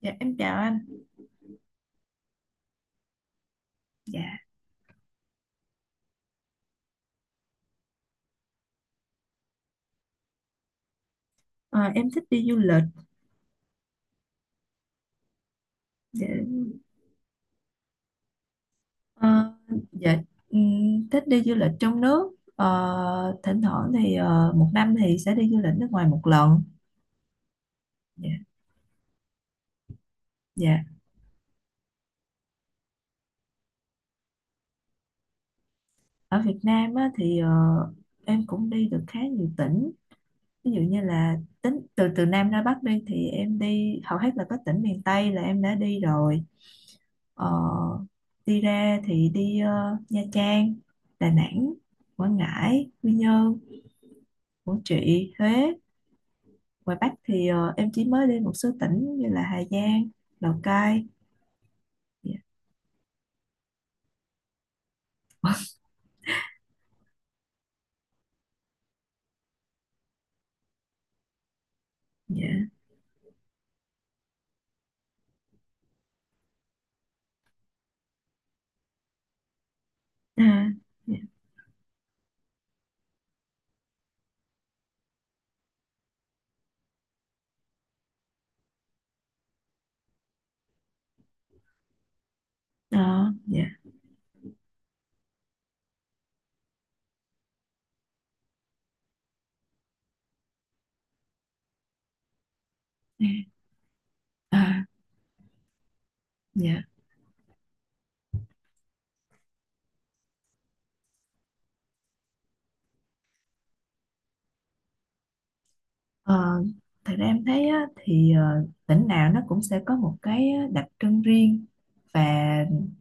Dạ em chào anh. Dạ, ờ, em thích đi du lịch. Dạ, ờ, dạ, thích đi du lịch trong nước. Ờ, Thỉnh thoảng thì một năm thì sẽ đi du lịch nước ngoài một lần. Dạ, dạ. Ở Việt Nam á, thì em cũng đi được khá nhiều tỉnh. Ví dụ như là tính từ từ Nam ra Bắc đi thì em đi hầu hết là các tỉnh miền Tây là em đã đi rồi. Ờ, Đi ra thì đi Nha Trang, Đà Nẵng, Quảng Ngãi, Quy Nhơn. Của chị Huế, ngoài Bắc thì em chỉ mới đi một số tỉnh như là Hà Giang, Lào Cai. Dạ, dạ, à, dạ, ờ, dạ, à, dạ, ờ. Thật ra em thấy á, thì tỉnh nào nó cũng sẽ có một cái đặc trưng riêng, và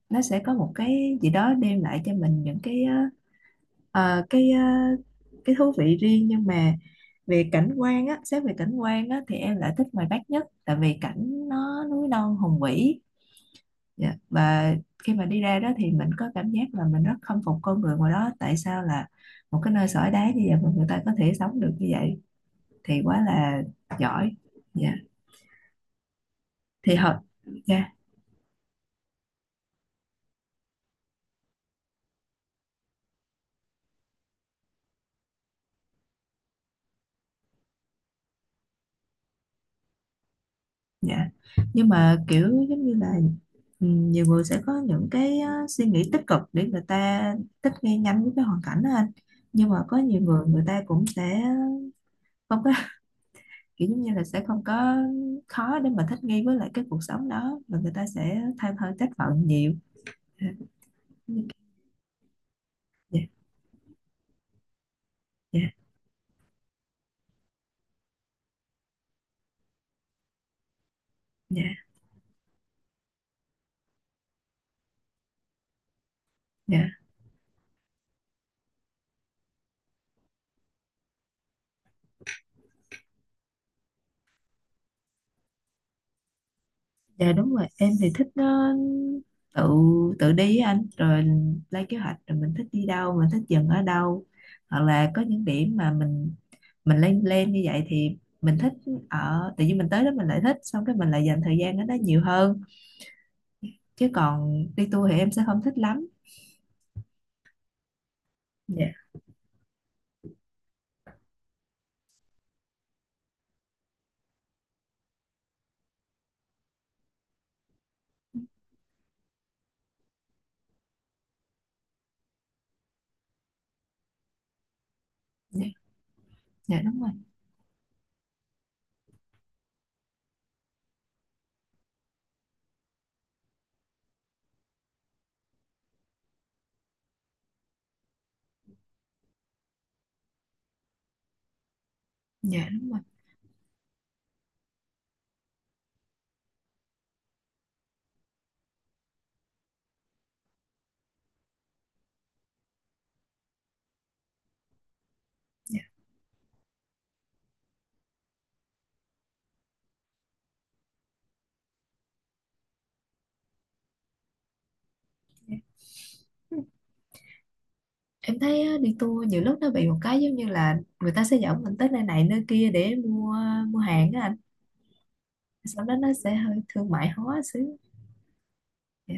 nó sẽ có một cái gì đó đem lại cho mình những cái ờ, ờ, cái thú vị riêng, nhưng mà về cảnh quan á xét về cảnh quan á thì em lại thích ngoài Bắc nhất, tại vì cảnh nó núi non hùng vĩ. Dạ. Và khi mà đi ra đó thì mình có cảm giác là mình rất khâm phục con người ngoài đó, tại sao là một cái nơi sỏi đá như vậy mà người ta có thể sống được như vậy thì quá là giỏi. Dạ, thì họ. Dạ, dạ. Nhưng mà kiểu giống như là, nhiều người sẽ có những cái suy nghĩ tích cực để người ta thích nghi nhanh với cái hoàn cảnh đó anh. Nhưng mà có nhiều người, người ta cũng sẽ không có kiểu giống như là sẽ không có, khó để mà thích nghi với lại cái cuộc sống đó, và người ta sẽ than thở, trách phận nhiều. Dạ dạ, dạ, dạ. Dạ, đúng rồi, em thì thích tự tự đi á anh, rồi lên kế hoạch, rồi mình thích đi đâu, mình thích dừng ở đâu, hoặc là có những điểm mà mình lên lên như vậy thì mình thích. Ở tự nhiên mình tới đó, mình lại thích, xong cái mình lại dành thời gian ở đó nhiều hơn. Chứ còn đi tour thì em sẽ không thích lắm. Dạ, dạ, dạ, đúng rồi. Dạ, đúng rồi. Dạ, dạ. Em thấy á, đi tour nhiều lúc nó bị một cái giống như là người ta sẽ dẫn mình tới nơi này nơi kia để mua mua hàng á anh, sau đó nó sẽ hơi thương mại hóa xíu. Dạ,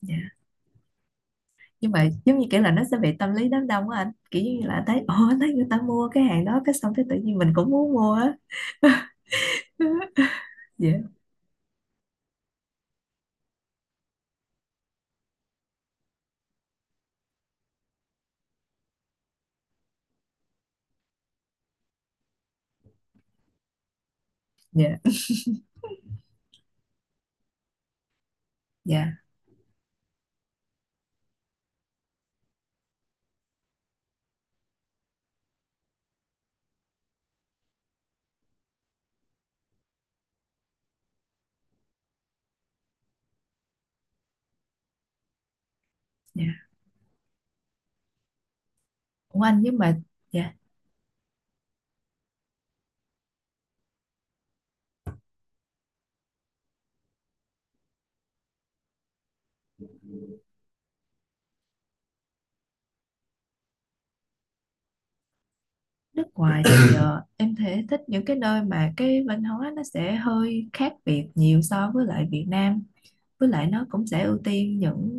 dạ. Nhưng mà giống như kiểu là nó sẽ bị tâm lý đám đông á anh, kiểu như là thấy ồ, thấy người ta mua cái hàng đó, cái xong cái tự nhiên mình cũng muốn mua á. Dạ, dạ, dạ, dạ. Ủa anh, nhưng mà. Dạ. Nước ngoài thì em thể thích những cái nơi mà cái văn hóa nó sẽ hơi khác biệt nhiều so với lại Việt Nam, với lại nó cũng sẽ ưu tiên những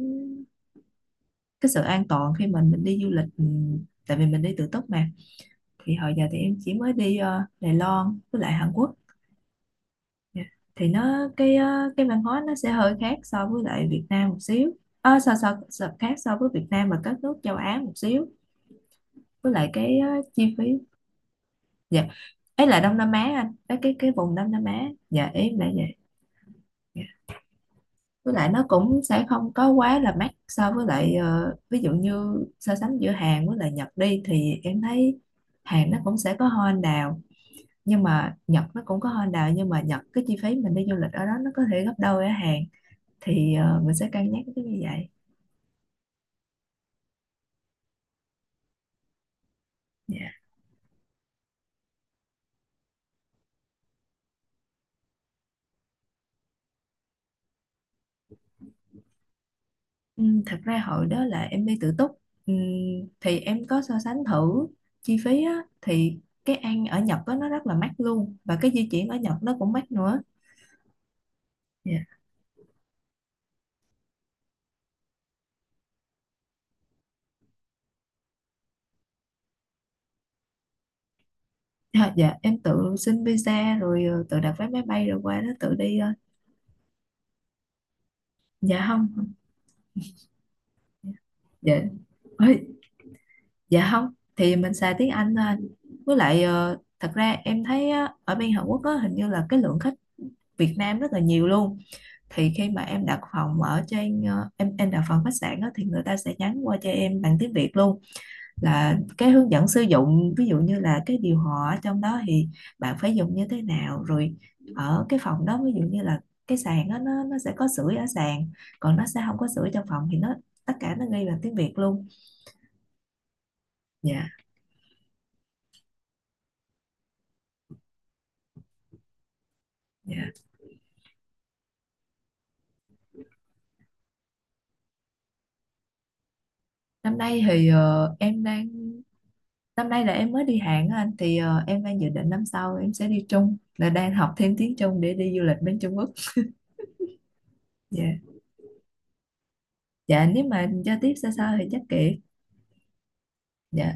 cái sự an toàn khi mà mình đi du lịch, tại vì mình đi tự túc mà. Thì hồi giờ thì em chỉ mới đi Đài Loan với lại Hàn Quốc. Dạ. Thì nó cái cái văn hóa nó sẽ hơi khác so với lại Việt Nam một xíu. So khác so với Việt Nam và các nước châu Á một xíu. Với lại cái chi phí. Dạ. Ấy là Đông Nam Á anh, cái vùng Đông Nam Á. Dạ, em lại vậy. Dạ. Với lại nó cũng sẽ không có quá là mắc so với lại, ví dụ như so sánh giữa Hàn với lại Nhật đi thì em thấy Hàn nó cũng sẽ có hoa anh đào, nhưng mà Nhật nó cũng có Honda, nhưng mà Nhật cái chi phí mình đi du lịch ở đó nó có thể gấp đôi ở Hàn. Thì mình sẽ cân nhắc cái như vậy. Dạ. Ừ, Thật ra hồi đó là em đi tự túc, ừ, thì em có so sánh thử chi phí á, thì cái ăn ở Nhật á, nó rất là mắc luôn, và cái di chuyển ở Nhật nó cũng mắc nữa. Dạ. À, dạ em tự xin visa rồi tự đặt vé máy bay rồi qua đó tự đi ờ. Dạ không. Dạ. Dạ. Ôi. Dạ không, thì mình xài tiếng Anh thôi. Với lại thật ra em thấy á, ở bên Hàn Quốc á, hình như là cái lượng khách Việt Nam rất là nhiều luôn. Thì khi mà em đặt phòng ở trên em đặt phòng khách sạn á, thì người ta sẽ nhắn qua cho em bằng tiếng Việt luôn, là cái hướng dẫn sử dụng, ví dụ như là cái điều hòa ở trong đó thì bạn phải dùng như thế nào, rồi ở cái phòng đó ví dụ như là cái sàn á, nó sẽ có sưởi ở sàn, còn nó sẽ không có sưởi trong phòng, thì nó tất cả nó ghi bằng tiếng Việt luôn. Dạ. Dạ. Năm nay thì em đang năm nay là em mới đi Hàn á anh, thì em đang dự định năm sau em sẽ đi Trung, là đang học thêm tiếng Trung để đi du lịch bên Trung Quốc. Dạ. Dạ, nếu mà giao tiếp xa xa thì chắc kệ. Dạ.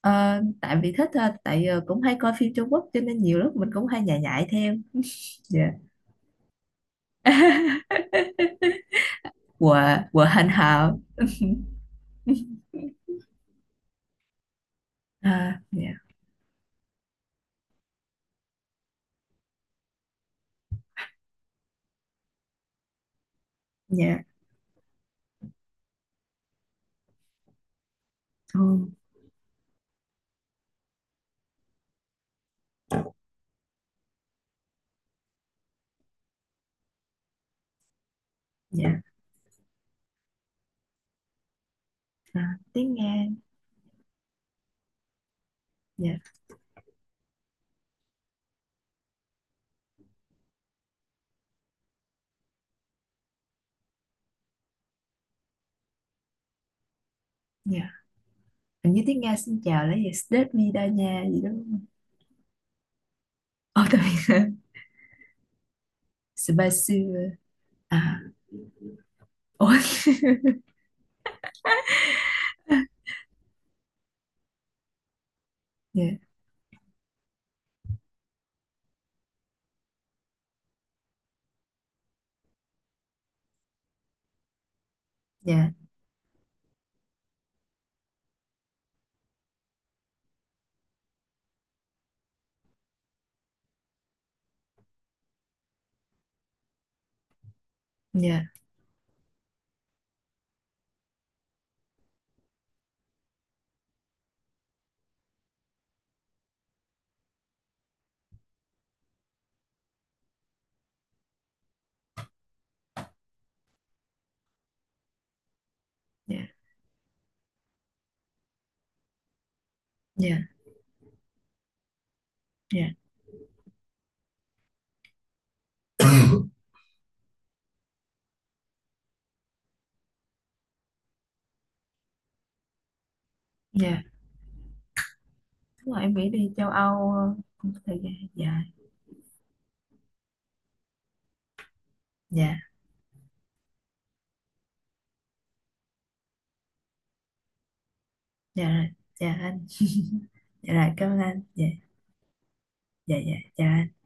Ờ, tại vì thích thôi, tại cũng hay coi phim Trung Quốc cho nên nhiều lúc mình cũng hay nhại nhại theo. Dạ. Của của hành hào. À, dạ. Dạ. Ừ, dạ. À, tiếng Nga. Dạ. Dạ. Hình như tiếng Nga xin chào là gì? Sdet vida nha gì đó, đúng không? Ồ, tại vì Spicy, à, ôi. Dạ, dạ, dạ, dạ, dạ, dạ. Dạ đúng rồi, em nghĩ đi châu Âu cũng có thời gian. Dạ. Dạ, dạ rồi. Dạ anh. Dạ rồi, cảm ơn anh. Dạ, dạ. Dạ, dạ.